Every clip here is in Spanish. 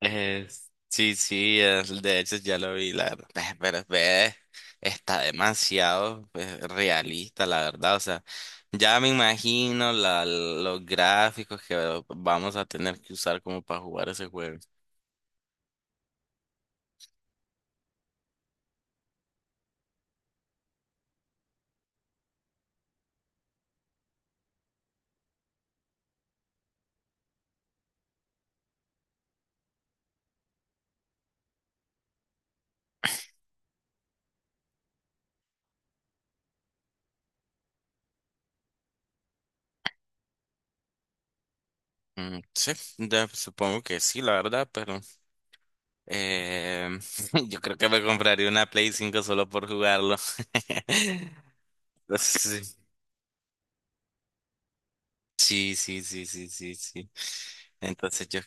Eh, sí, sí, de hecho ya lo vi, la verdad. Pero ve, está demasiado pues realista, la verdad. O sea, ya me imagino la, los gráficos que vamos a tener que usar como para jugar ese juego. Mm, sí, supongo que sí, la verdad, pero eh, yo creo que me compraría una Play 5 solo por jugarlo. Entonces, sí, sí, sí, sí, sí, sí. Entonces yo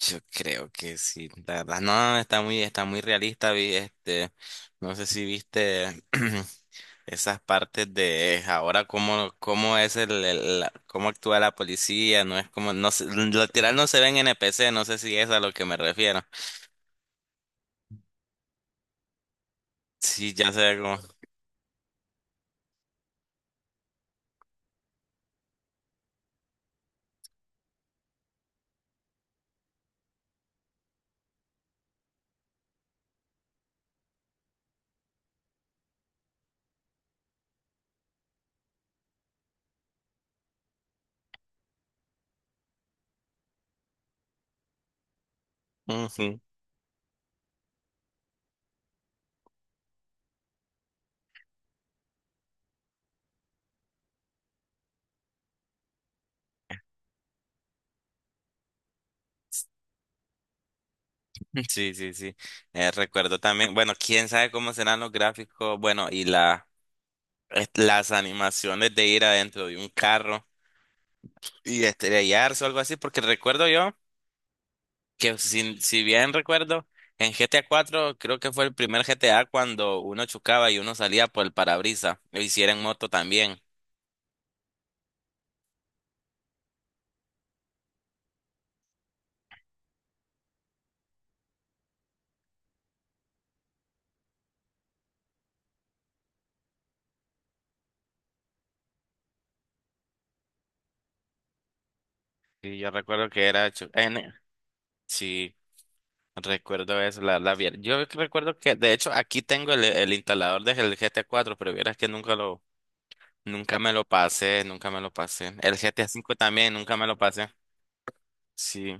Yo creo que sí. La verdad, no, no, está muy realista. Vi, este, no sé si viste esas partes de ahora cómo, cómo es el- la- cómo actúa la policía. No es como, no, literal no se ven NPC. No sé si es a lo que me refiero. Sí, ya se ve como. Ujú. Sí, sí, sí. Recuerdo también, bueno, quién sabe cómo serán los gráficos, bueno, y la, las animaciones de ir adentro de un carro y estrellarse o algo así, porque recuerdo yo, que si bien recuerdo, en GTA 4 creo que fue el primer GTA cuando uno chocaba y uno salía por el parabrisas, lo hicieron en moto también. Y yo recuerdo que era, chu- en, sí, recuerdo eso, yo recuerdo que, de hecho, aquí tengo el instalador del GTA 4, pero vieras que nunca lo, nunca me lo pasé, nunca me lo pasé. El GTA 5 también, nunca me lo pasé. Sí,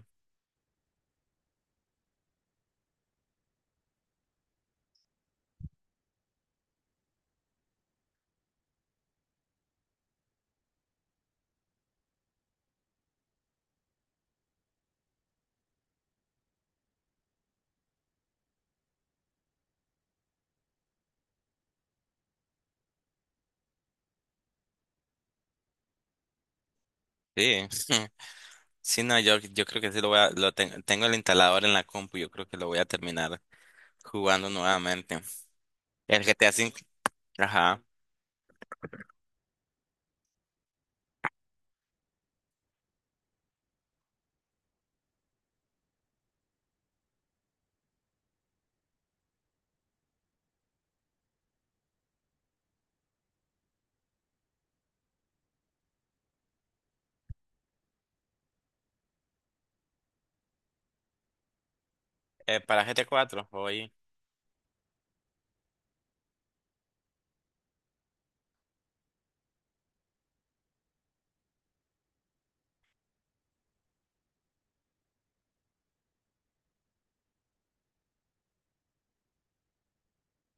sí. Sí, no, yo creo que sí lo voy a, tengo el instalador en la compu, yo creo que lo voy a terminar jugando nuevamente. El G GTA 5. Ajá. Para GTA 4 hoy.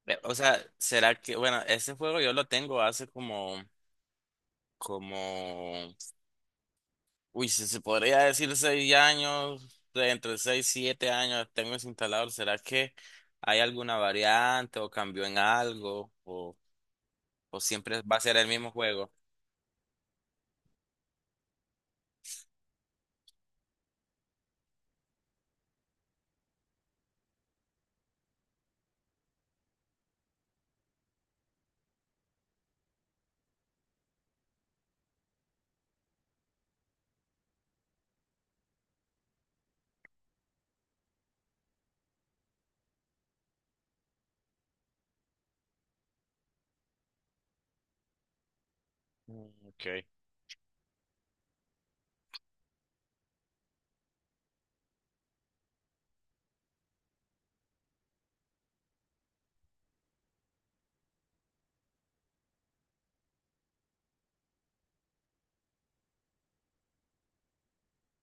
O sea, será que, bueno, ese juego yo lo tengo hace como, como, uy, si se podría decir 6 años, de entre 6 y 7 años tengo ese instalador. ¿Será que hay alguna variante o cambió en algo? O siempre va a ser el mismo juego? Mm, okay.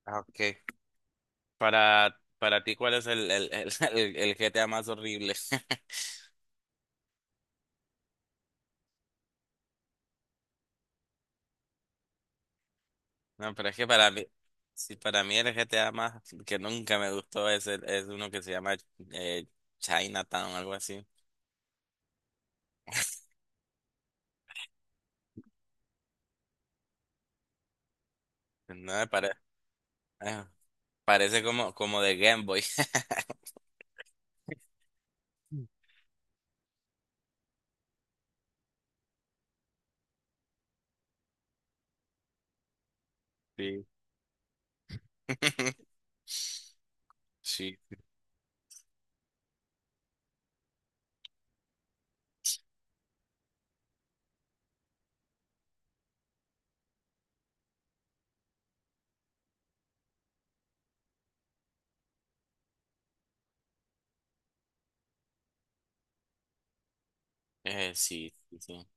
Ah, okay. Para ti, ¿cuál es el GTA más horrible? No, pero es que para mí, si para mí el GTA más que nunca me gustó es, es uno que se llama eh, Chinatown, algo así. No me parece. Parece como, como de Game Boy. Sí. Sí, sí, sí, sí.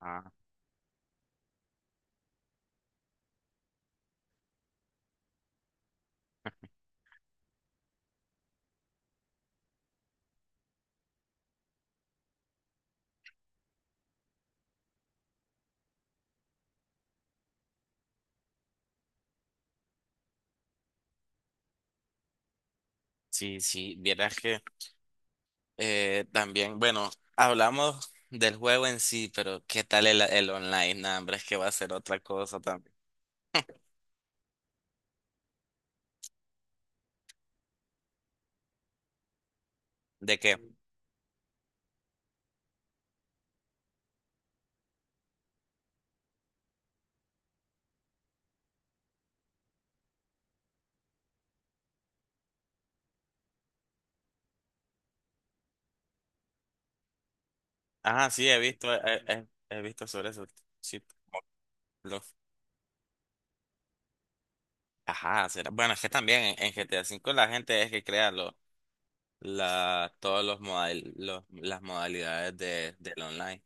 Ah, sí, sí, vieras que también, bueno, hablamos del juego en sí, pero ¿qué tal el online? Nah, hombre, es que va a ser otra cosa también. ¿De qué? Ah, sí, he visto sobre eso, sí. Ajá, será. Bueno, es que también en GTA V la gente es que crea lo, la, todos los modal, los, las modalidades de, del online.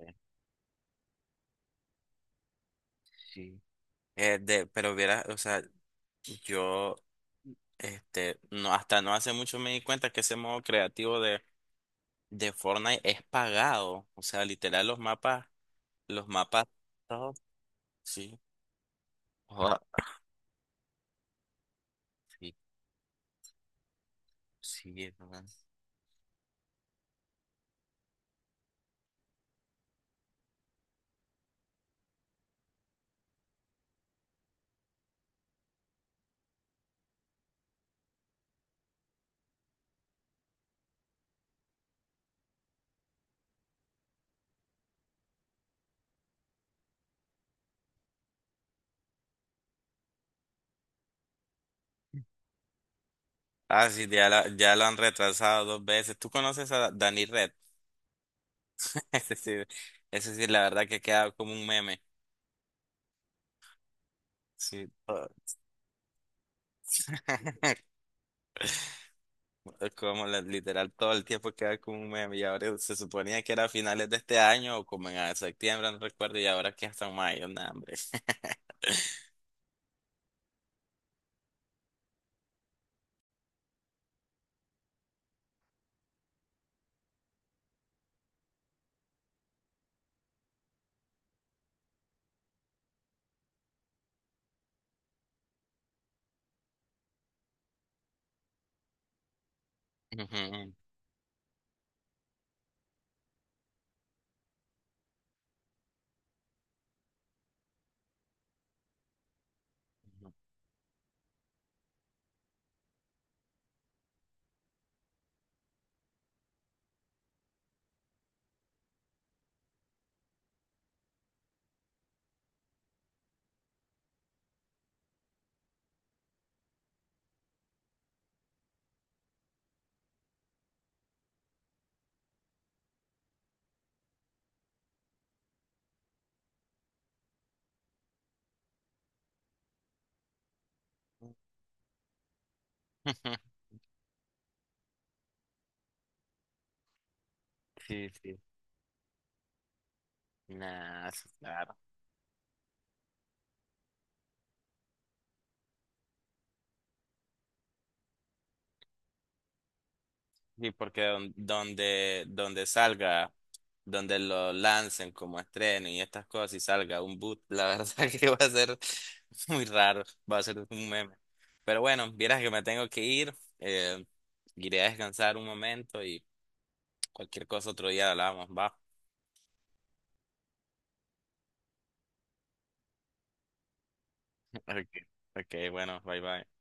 Eh, Sí. Pero hubiera, o sea, yo este, no, hasta no hace mucho me di cuenta que ese modo creativo de Fortnite es pagado. O sea, literal los mapas, todos, sí. Joda, sí, sí, es verdad. Ah, sí, ya, ya lo han retrasado 2 veces. ¿Tú conoces a Dani? Ese sí, ese sí, la verdad que queda como un meme. Sí, todo. Como literal todo el tiempo queda como un meme. Y ahora se suponía que era a finales de este año o como en ah, septiembre, no recuerdo, y ahora que hasta mayo, no, hombre. Ujú, ujú. Sí, sí. Nah, sí, claro. Sí, porque donde, donde salga, donde lo lancen como estreno y estas cosas y salga un boot, la verdad que va a ser muy raro, va a ser un meme. Pero bueno, vieras que me tengo que ir, iré a descansar un momento y cualquier cosa otro día hablamos, va. Ok, ok, bueno, bye bye.